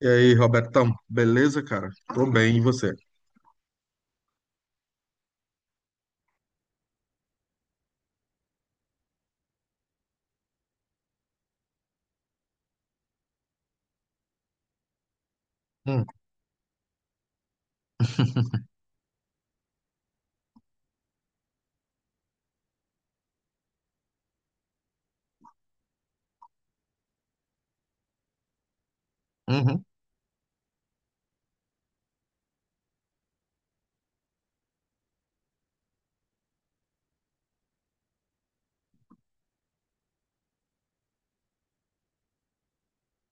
E aí, Robertão, beleza, cara? Tô bem, e você? Hum. Uhum.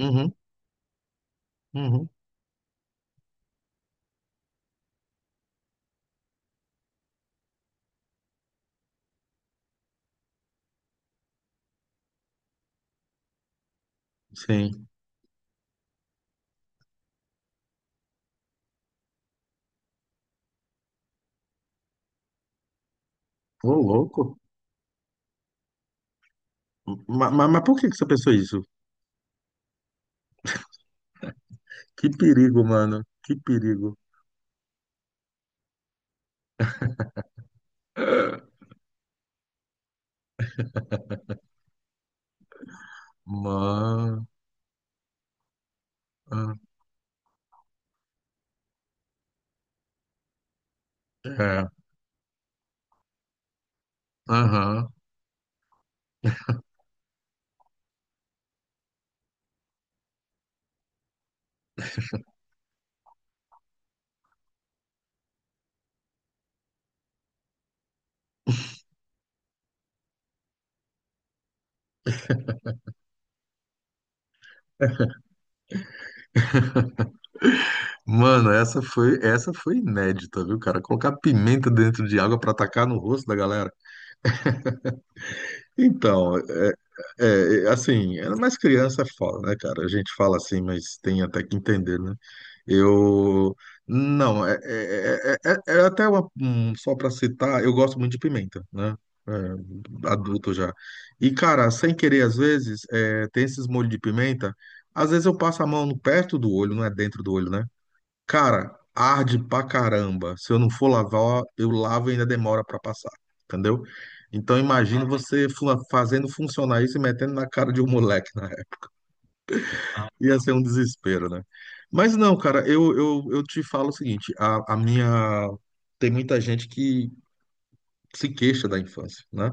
Uhum. Uhum. Sim. Ô, louco. Mas, por que que você pensou isso? Que perigo, mano. Que perigo. Mano. É. Aham. Mano, essa foi inédita, viu, cara? Colocar pimenta dentro de água pra atacar no rosto da galera. Então, assim, era mais criança é foda, né, cara? A gente fala assim, mas tem até que entender, né? Eu. Não, é até uma, só pra citar, eu gosto muito de pimenta, né? É, adulto já. E, cara, sem querer, às vezes, é, tem esses molhos de pimenta, às vezes eu passo a mão no perto do olho, não é dentro do olho, né? Cara, arde pra caramba. Se eu não for lavar, eu lavo e ainda demora pra passar, entendeu? Então imagina você fazendo funcionar isso e metendo na cara de um moleque, né? Ia ser um desespero, né? Mas não, cara, eu te falo o seguinte, a minha... Tem muita gente que se queixa da infância, né?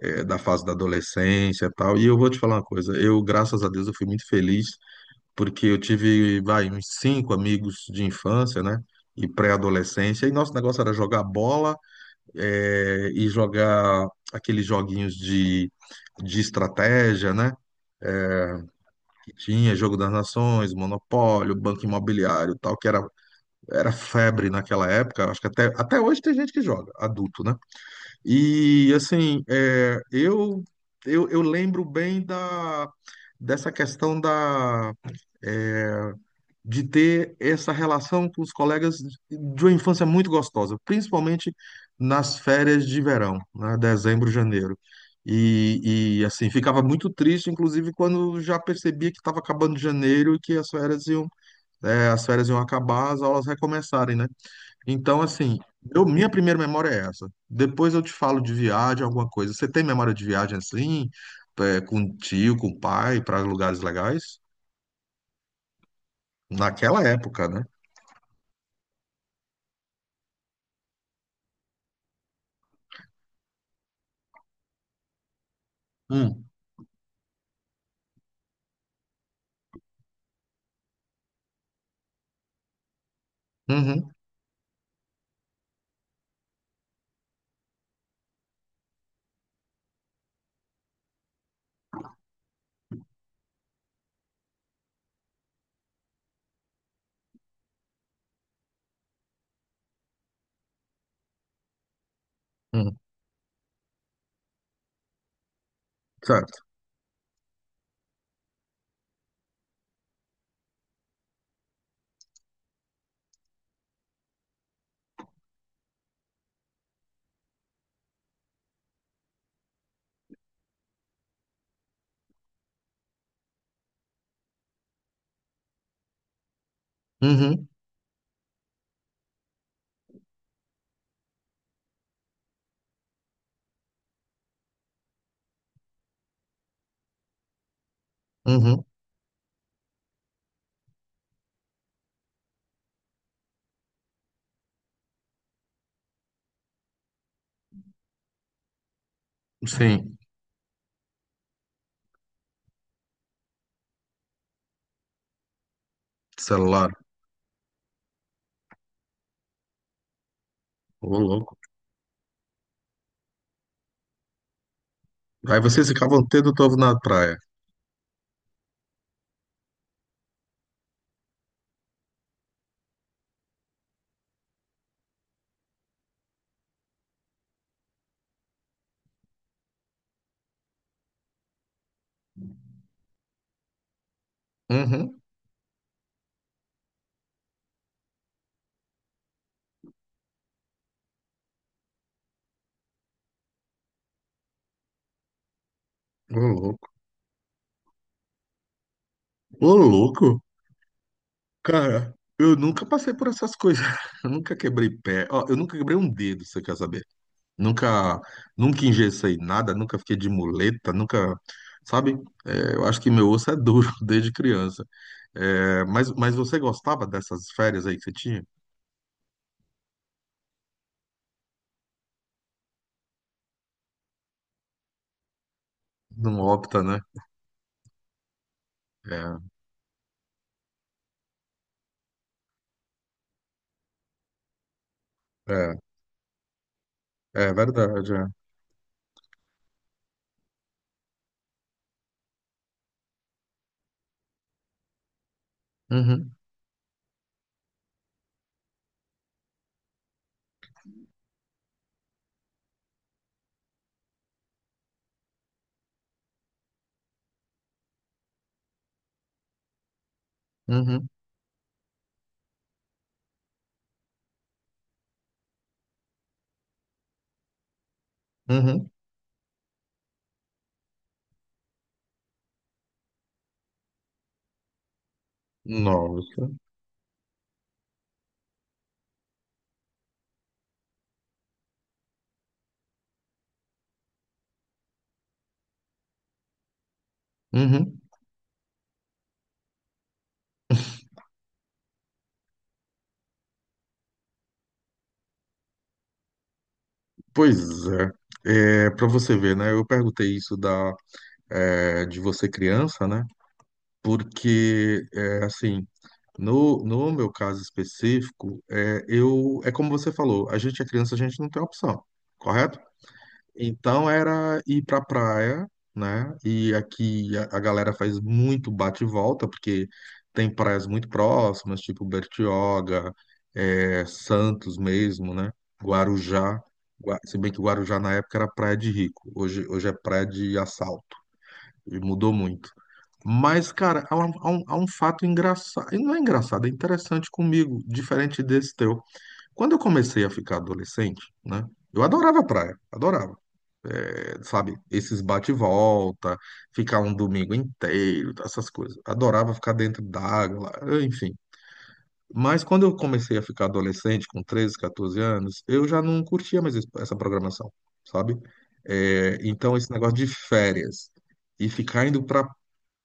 É, da fase da adolescência e tal. E eu vou te falar uma coisa, eu, graças a Deus, eu fui muito feliz porque eu tive, vai, uns cinco amigos de infância, né? E pré-adolescência, e nosso negócio era jogar bola, e jogar aqueles joguinhos de estratégia, né? Que tinha Jogo das Nações, Monopólio, Banco Imobiliário, e tal, que era, era febre naquela época. Acho que até hoje tem gente que joga, adulto, né? E assim, eu lembro bem dessa questão da, eh, de ter essa relação com os colegas de uma infância muito gostosa, principalmente nas férias de verão, né, dezembro, janeiro. E assim, ficava muito triste, inclusive, quando já percebia que estava acabando janeiro e que as férias iam acabar, as aulas recomeçarem, né? Então, assim, eu, minha primeira memória é essa. Depois eu te falo de viagem, alguma coisa. Você tem memória de viagem assim, é, com tio, com pai, para lugares legais? Naquela época, né? Hum. Uhum. Hum. Certo. Uhum. Uhum. Sim. Celular. Ô, louco. Aí vocês ficavam tendo todo na praia. Uhum. Ô, louco. Ô, louco. Cara, eu nunca passei por essas coisas. Eu nunca quebrei pé. Ó, eu nunca quebrei um dedo, você quer saber? Nunca, nunca engessei nada, nunca fiquei de muleta, nunca. Sabe? É, eu acho que meu osso é duro desde criança. É, mas você gostava dessas férias aí que você tinha? Não opta, né? É, é, é verdade. É. Uhum. Uhum. Uhum. Nossa. Uhum. Pois é. É, para você ver, né? Eu perguntei isso de você criança, né? Porque, é, assim, no meu caso específico, é, eu, é como você falou, a gente é criança, a gente não tem opção, correto? Então era ir pra praia, né? E aqui a galera faz muito bate e volta, porque tem praias muito próximas, tipo Bertioga, é, Santos mesmo, né? Guarujá. Se bem que Guarujá na época era praia de rico, hoje é praia de assalto, e mudou muito. Mas, cara, há um fato engraçado, e não é engraçado, é interessante comigo, diferente desse teu. Quando eu comecei a ficar adolescente, né? Eu adorava praia, adorava, sabe? Esses bate e volta, ficar um domingo inteiro, essas coisas. Adorava ficar dentro d'água, lá, enfim. Mas quando eu comecei a ficar adolescente, com 13, 14 anos, eu já não curtia mais essa programação, sabe? É, então, esse negócio de férias e ficar indo pra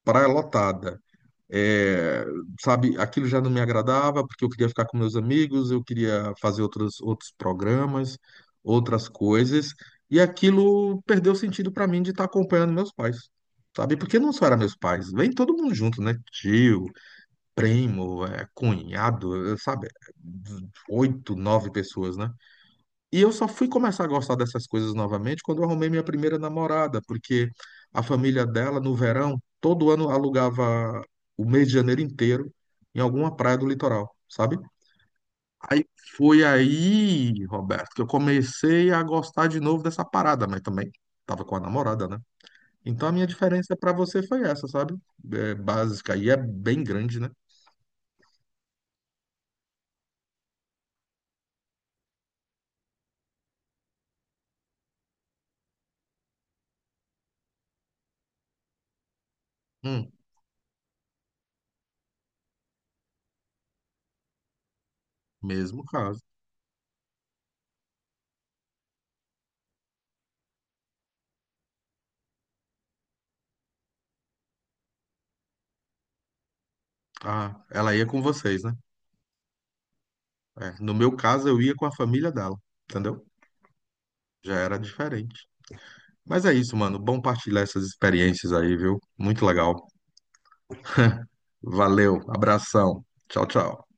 praia lotada é, sabe, aquilo já não me agradava porque eu queria ficar com meus amigos, eu queria fazer outros programas, outras coisas, e aquilo perdeu sentido para mim de estar acompanhando meus pais, sabe? Porque não só era meus pais, vem todo mundo junto, né? Tio, primo, é, cunhado, é, sabe? 8, 9 pessoas, né? E eu só fui começar a gostar dessas coisas novamente quando eu arrumei minha primeira namorada, porque a família dela, no verão, todo ano alugava o mês de janeiro inteiro em alguma praia do litoral, sabe? Aí foi aí, Roberto, que eu comecei a gostar de novo dessa parada, mas também tava com a namorada, né? Então a minha diferença para você foi essa, sabe? É básica e é bem grande, né? Hum, mesmo caso. Ah, ela ia com vocês, né? É, no meu caso, eu ia com a família dela, entendeu? Já era diferente. Mas é isso, mano. Bom partilhar essas experiências aí, viu? Muito legal. Valeu, abração. Tchau, tchau.